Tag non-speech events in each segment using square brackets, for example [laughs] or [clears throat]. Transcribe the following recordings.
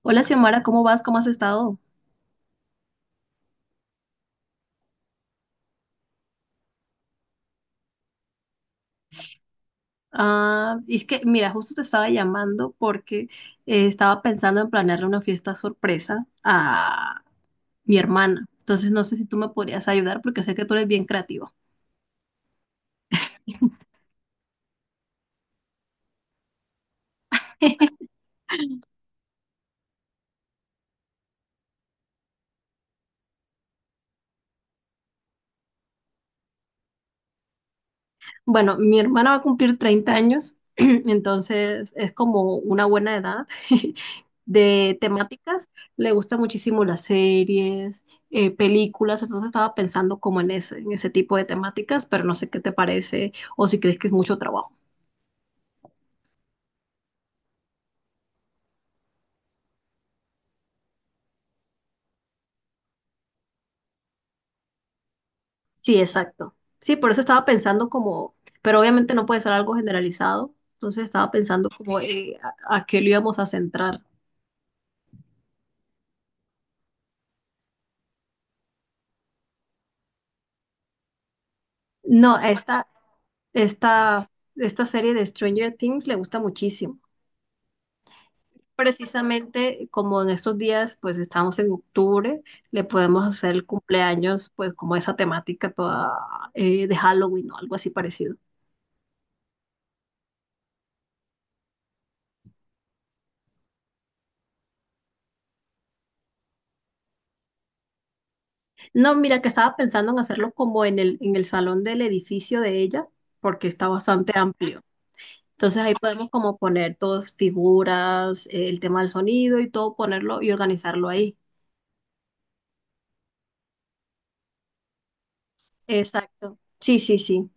Hola, Xiomara, ¿cómo vas? ¿Cómo has estado? Ah, es que, mira, justo te estaba llamando porque estaba pensando en planearle una fiesta sorpresa a mi hermana. Entonces, no sé si tú me podrías ayudar porque sé que tú eres bien creativo. [laughs] Bueno, mi hermana va a cumplir 30 años, [clears throat] entonces es como una buena edad [laughs] de temáticas. Le gustan muchísimo las series, películas, entonces estaba pensando como en ese tipo de temáticas, pero no sé qué te parece o si crees que es mucho trabajo. Sí, exacto. Sí, por eso estaba pensando como, pero obviamente no puede ser algo generalizado, entonces estaba pensando como a qué lo íbamos a centrar. No, esta, esta serie de Stranger Things le gusta muchísimo. Precisamente como en estos días, pues estamos en octubre, le podemos hacer el cumpleaños, pues como esa temática toda de Halloween o algo así parecido. No, mira que estaba pensando en hacerlo como en el salón del edificio de ella, porque está bastante amplio. Entonces ahí podemos como poner todas figuras, el tema del sonido y todo, ponerlo y organizarlo ahí. Exacto. Sí, sí, sí.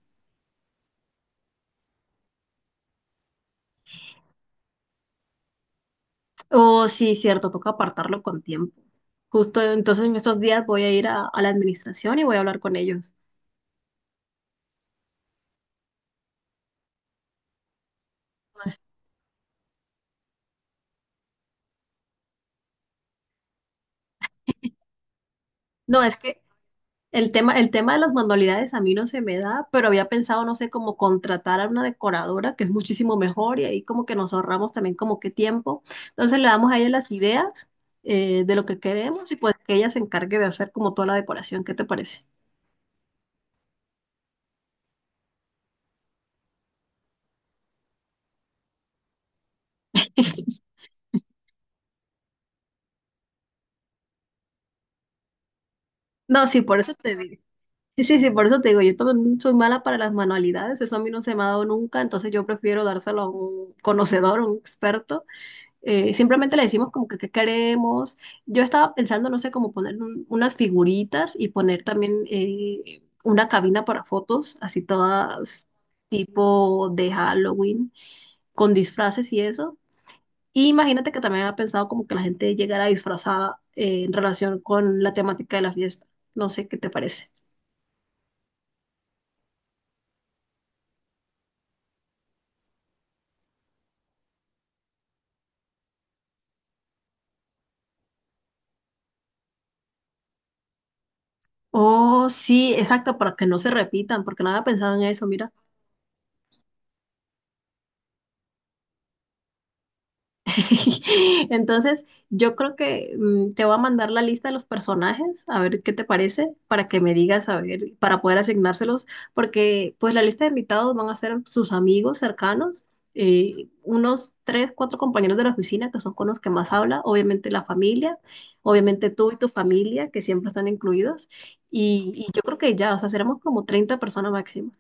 Oh, sí, cierto, toca apartarlo con tiempo. Justo entonces en estos días voy a ir a la administración y voy a hablar con ellos. No, es que El tema, de las manualidades a mí no se me da, pero había pensado, no sé, como contratar a una decoradora, que es muchísimo mejor, y ahí como que nos ahorramos también como que tiempo. Entonces le damos a ella las ideas de lo que queremos y pues que ella se encargue de hacer como toda la decoración. ¿Qué te parece? [laughs] No, sí, por eso te digo. Sí, sí, sí, por eso te digo, yo también soy mala para las manualidades, eso a mí no se me ha dado nunca, entonces yo prefiero dárselo a un conocedor, a un experto. Simplemente le decimos como que qué queremos. Yo estaba pensando, no sé, como poner unas figuritas y poner también una cabina para fotos, así todas tipo de Halloween, con disfraces y eso. Y imagínate que también había pensado como que la gente llegara disfrazada en relación con la temática de la fiesta. No sé qué te parece. Oh, sí, exacto, para que no se repitan, porque no había pensado en eso, mira. [laughs] Entonces, yo creo que te voy a mandar la lista de los personajes, a ver qué te parece, para que me digas, a ver, para poder asignárselos, porque pues la lista de invitados van a ser sus amigos cercanos, unos tres, cuatro compañeros de la oficina que son con los que más habla, obviamente la familia, obviamente tú y tu familia, que siempre están incluidos, y yo creo que ya, o sea, seremos como 30 personas máximo.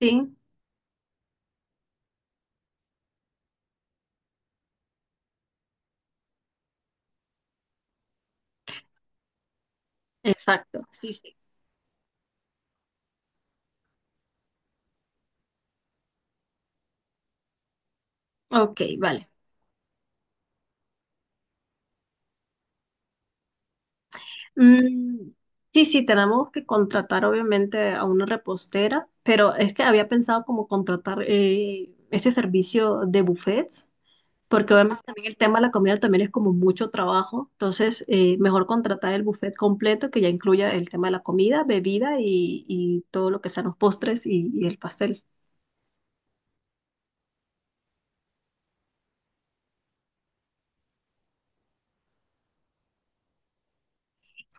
Sí, exacto, sí, sí. Ok, vale. Mm, sí, sí, tenemos que contratar obviamente a una repostera, pero es que había pensado como contratar este servicio de buffets, porque obviamente también el tema de la comida también es como mucho trabajo, entonces mejor contratar el buffet completo que ya incluya el tema de la comida, bebida y todo lo que sean los postres y el pastel.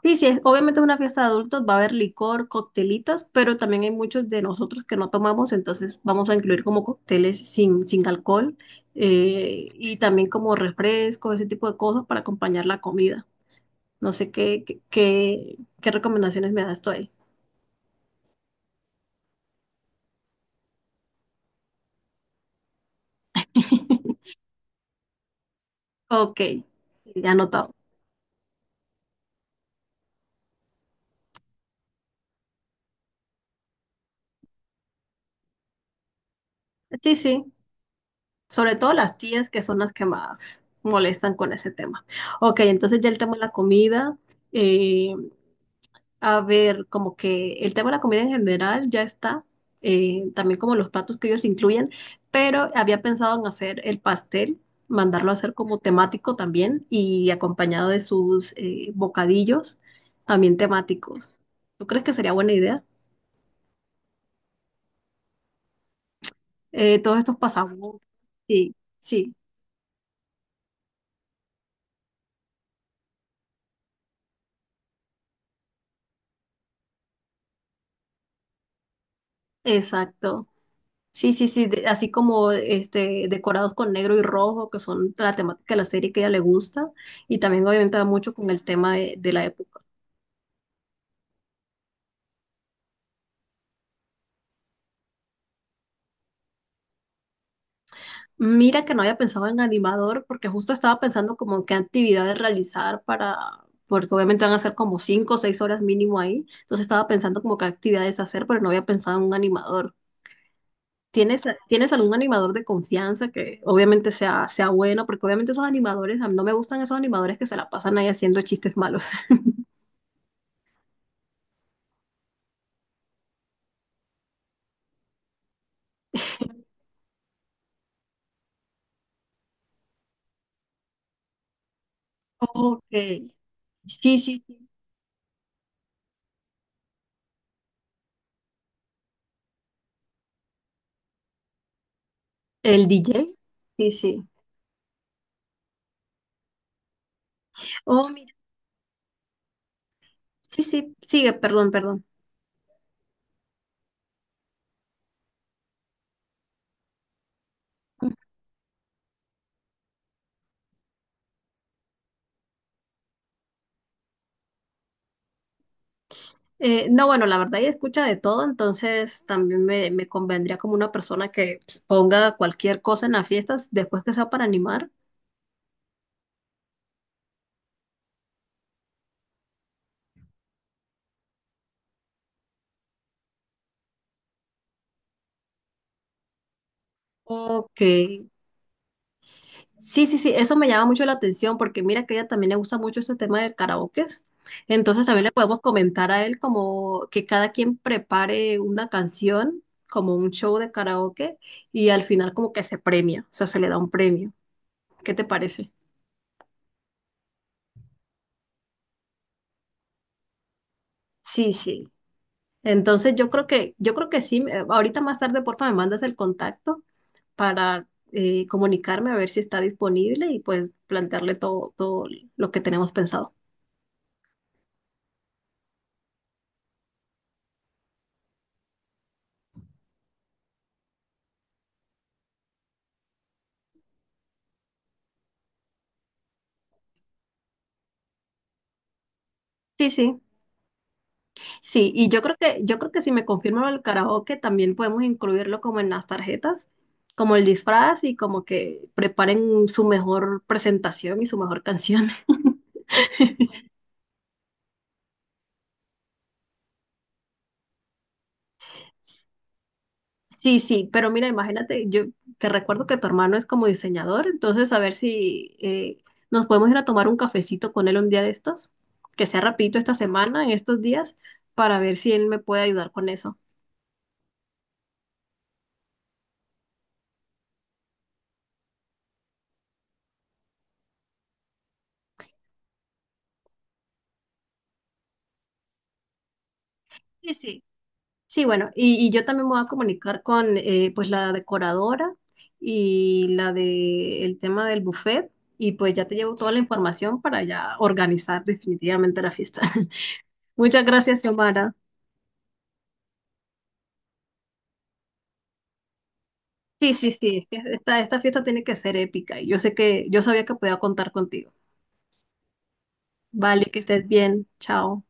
Sí, sí, obviamente es una fiesta de adultos, va a haber licor, coctelitos, pero también hay muchos de nosotros que no tomamos, entonces vamos a incluir como cócteles sin alcohol y también como refrescos, ese tipo de cosas para acompañar la comida. No sé qué recomendaciones me das tú ahí. [laughs] Ok, ya anotado. Sí, sí, sobre todo las tías que son las que más molestan con ese tema. Ok, entonces ya el tema de la comida. eh, A ver, como que el tema de la comida en general ya está, también como los platos que ellos incluyen, pero había pensado en hacer el pastel, mandarlo a hacer como temático también y acompañado de sus bocadillos también temáticos. ¿Tú crees que sería buena idea? Todos estos pasabocas. Sí, sí, exacto. Sí, sí, sí, así como este, decorados con negro y rojo, que son la temática de la serie que a ella le gusta, y también obviamente va mucho con el tema de la época. Mira que no había pensado en animador porque justo estaba pensando como en qué actividades realizar para, porque obviamente van a ser como 5 o 6 horas mínimo ahí. Entonces estaba pensando como qué actividades hacer, pero no había pensado en un animador. ¿Tienes algún animador de confianza que obviamente sea bueno? Porque obviamente esos animadores, a mí no me gustan esos animadores que se la pasan ahí haciendo chistes malos. [laughs] Ok. Sí, sí, sí. ¿El DJ? Sí, sí. Oh, mira. Sí, sí, sigue, perdón, perdón. No, bueno, la verdad ella escucha de todo, entonces también me convendría como una persona que pues, ponga cualquier cosa en las fiestas después que sea para animar. O Sí, sí, sí, eso me llama mucho la atención porque mira que a ella también le gusta mucho este tema del karaoke. Entonces también le podemos comentar a él como que cada quien prepare una canción, como un show de karaoke, y al final como que se premia, o sea, se le da un premio. ¿Qué te parece? Sí, sí. Entonces yo creo que sí, ahorita más tarde, porfa, me mandas el contacto para comunicarme a ver si está disponible y pues plantearle todo, todo lo que tenemos pensado. Sí, sí, sí, y yo creo que si me confirman el karaoke, también podemos incluirlo como en las tarjetas, como el disfraz y como que preparen su mejor presentación y su mejor canción. [laughs] Sí, sí, pero mira, imagínate, yo te recuerdo que tu hermano es como diseñador, entonces a ver si nos podemos ir a tomar un cafecito con él un día de estos, que sea rapidito esta semana, en estos días, para ver si él me puede ayudar con eso. Sí, sí. Sí, bueno, y yo también me voy a comunicar con pues la decoradora y la de el tema del buffet, y pues ya te llevo toda la información para ya organizar definitivamente la fiesta. [laughs] Muchas gracias, Xiomara. Sí, sí, sí, es que esta fiesta tiene que ser épica y yo sé que yo sabía que podía contar contigo. Vale, que estés bien, chao.